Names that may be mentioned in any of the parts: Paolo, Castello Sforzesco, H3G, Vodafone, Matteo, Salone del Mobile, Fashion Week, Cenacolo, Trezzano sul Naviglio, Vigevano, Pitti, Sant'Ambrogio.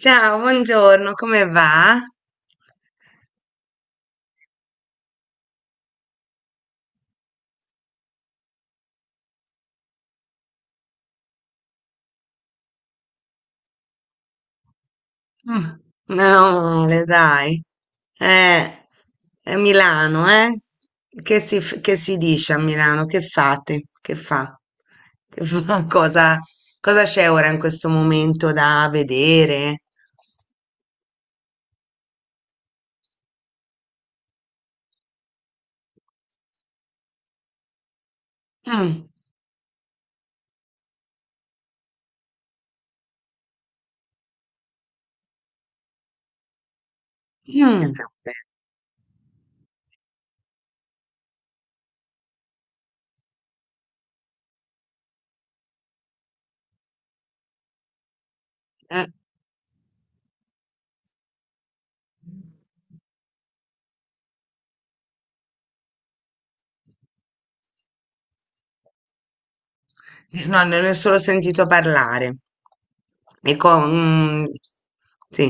Ciao, buongiorno, come va? Mm, Meno male, dai. Eh, è Milano, eh? Che si dice a Milano? Che fate? Che fa? Che fa? Cosa c'è ora in questo momento da vedere? Mm, mm, eh, No, ne ho solo sentito parlare. E con... mm, sì.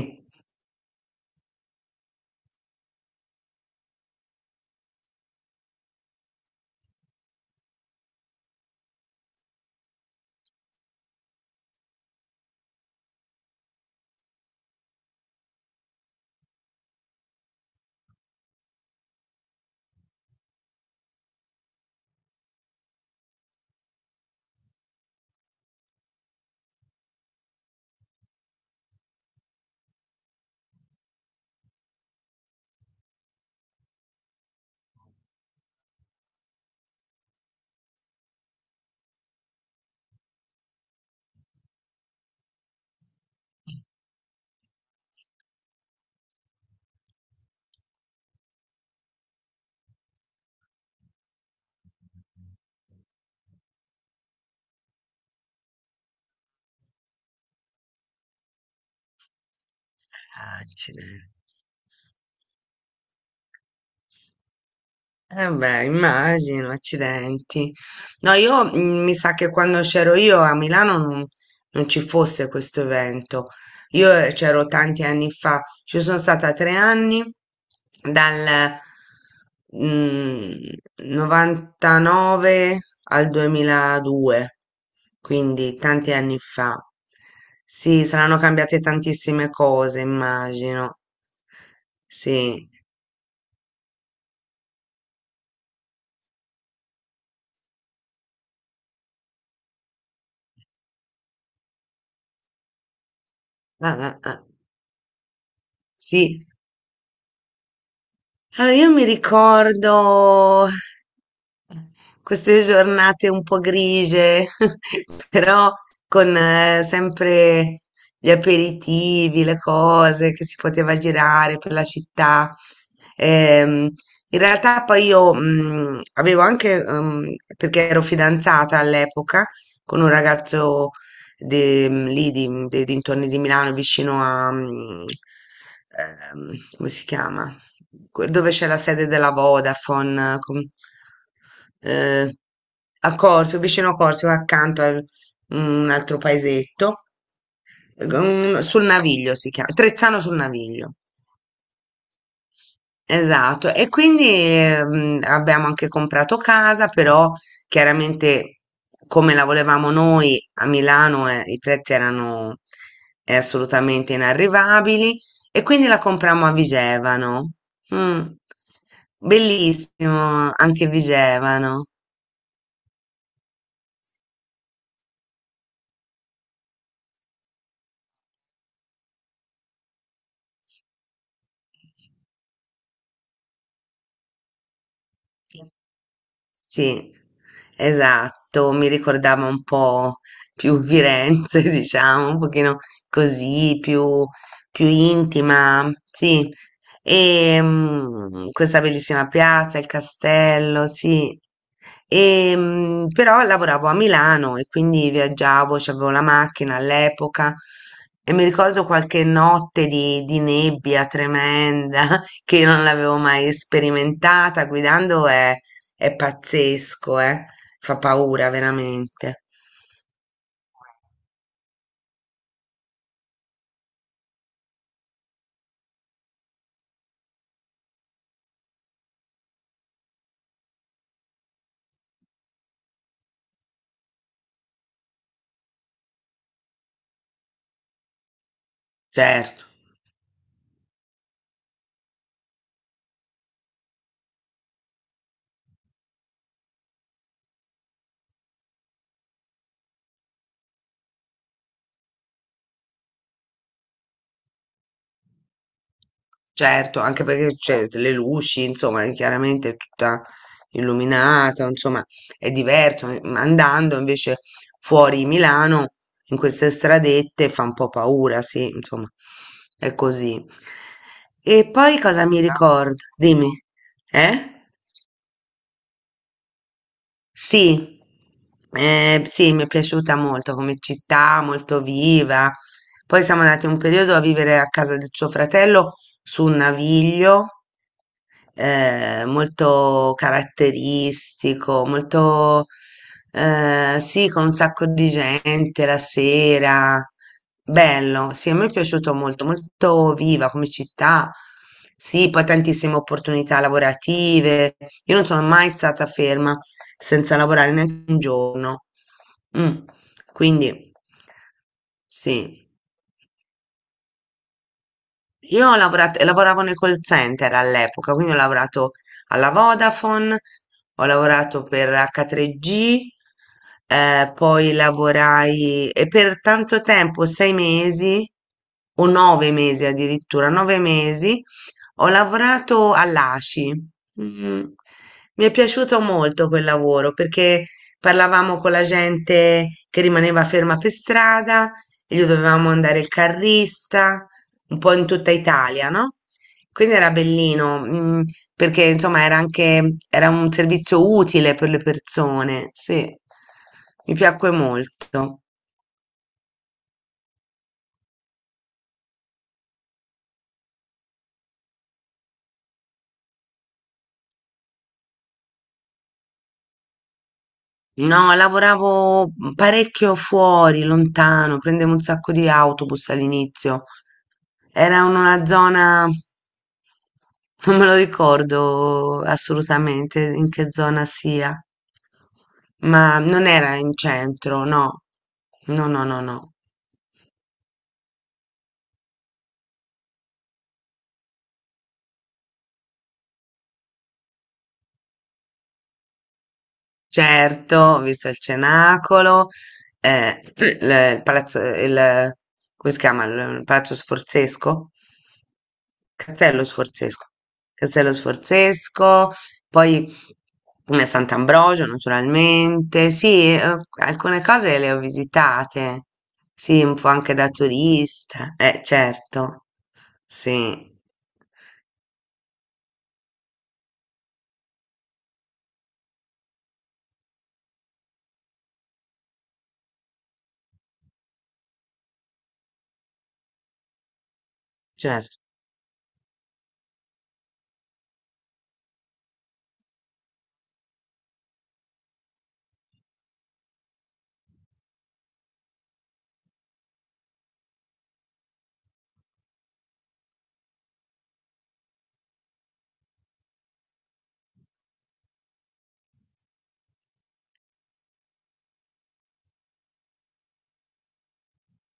Ah, ce n'è. Eh beh, immagino, accidenti. No, io mi sa che quando c'ero io a Milano non ci fosse questo evento. Io c'ero tanti anni fa, ci sono stata tre anni, dal mm, 99 al 2002, quindi tanti anni fa. Sì, saranno cambiate tantissime cose, immagino. Sì. Ah, ah, ah. Sì. Allora, io mi ricordo queste giornate un po' grigie, però con sempre gli aperitivi, le cose che si poteva girare per la città. Ehm, In realtà poi io avevo anche, perché ero fidanzata all'epoca con un ragazzo lì dei dintorni di Milano, vicino a, come si chiama? Dove c'è la sede della Vodafone, eh, a Corso, vicino a Corso, accanto a un altro paesetto, sul Naviglio si chiama, Trezzano sul Naviglio. Esatto, e quindi abbiamo anche comprato casa, però chiaramente come la volevamo noi a Milano i prezzi erano assolutamente inarrivabili e quindi la comprammo a Vigevano. Mm. Bellissimo anche Vigevano. Sì, esatto, mi ricordava un po' più Firenze, diciamo, un pochino così, più intima, sì. E questa bellissima piazza, il castello, sì. E, però lavoravo a Milano e quindi viaggiavo, c'avevo la macchina all'epoca e mi ricordo qualche notte di nebbia tremenda che io non l'avevo mai sperimentata guidando è pazzesco, eh. Fa paura veramente. Certo, certo, anche perché c'è le luci, insomma, è chiaramente tutta illuminata, insomma, è diverso. Ma andando invece fuori Milano, in queste stradette, fa un po' paura, sì, insomma, è così. E poi cosa mi ricordo? Dimmi, eh? Sì, sì, mi è piaciuta molto come città, molto viva. Poi siamo andati un periodo a vivere a casa del suo fratello su un naviglio molto caratteristico, molto, sì, con un sacco di gente la sera. Bello, sì, a me è piaciuto molto, molto viva come città. Sì, poi tantissime opportunità lavorative. Io non sono mai stata ferma senza lavorare neanche un giorno. Mm. Quindi, sì. Io ho lavorato, lavoravo nel call center all'epoca, quindi ho lavorato alla Vodafone, ho lavorato per H3G, poi lavorai e per tanto tempo, sei mesi o nove mesi addirittura, nove mesi, ho lavorato all'ASI. Mm. Mi è piaciuto molto quel lavoro perché parlavamo con la gente che rimaneva ferma per strada e gli dovevamo andare il carrista, un po' in tutta Italia, no? Quindi era bellino, perché insomma era un servizio utile per le persone, sì. Mi piacque molto. No, lavoravo parecchio fuori, lontano, prendevo un sacco di autobus all'inizio. Era in una zona, non me lo ricordo assolutamente in che zona sia, ma non era in centro, no. No, no, no, no. Certo, ho visto il Cenacolo, il palazzo, come si chiama? Il palazzo Sforzesco. Castello Sforzesco. Castello Sforzesco, poi Sant'Ambrogio naturalmente. Sì, alcune cose le ho visitate. Sì, un po' anche da turista. Certo. Sì, certo,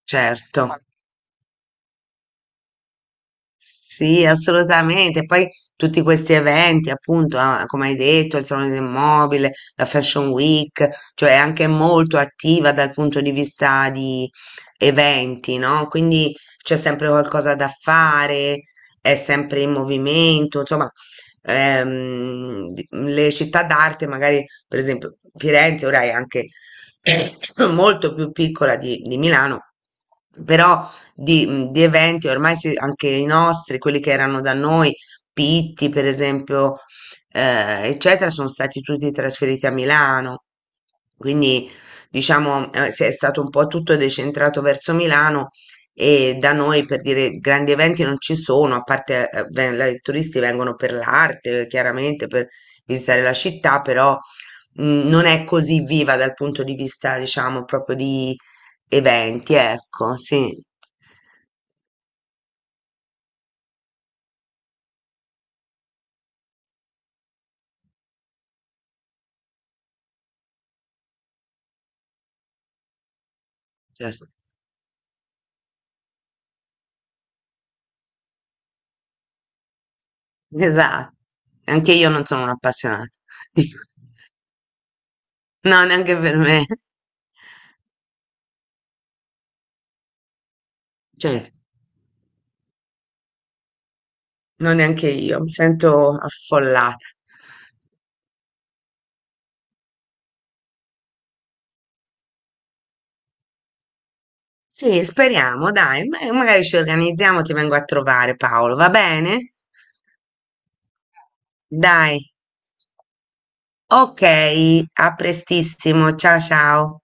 certo. Sì, assolutamente. Poi tutti questi eventi, appunto, ah, come hai detto, il Salone del Mobile, la Fashion Week, cioè è anche molto attiva dal punto di vista di eventi, no? Quindi c'è sempre qualcosa da fare, è sempre in movimento, insomma, le città d'arte, magari, per esempio, Firenze ora è anche molto più piccola di Milano, però di eventi, anche i nostri, quelli che erano da noi, Pitti per esempio, eccetera, sono stati tutti trasferiti a Milano. Quindi diciamo si è stato un po' tutto decentrato verso Milano e da noi per dire grandi eventi non ci sono, a parte i turisti vengono per l'arte, chiaramente per visitare la città, però non è così viva dal punto di vista, diciamo, proprio di eventi, ecco, sì. Certo. esa Anche io non sono un'appassionata. Dico, no, neanche per me. Certo, no, neanche io. Mi sento affollata. Sì, speriamo, dai. Magari ci organizziamo, ti vengo a trovare, Paolo, va bene? Dai. Ok, a prestissimo. Ciao ciao.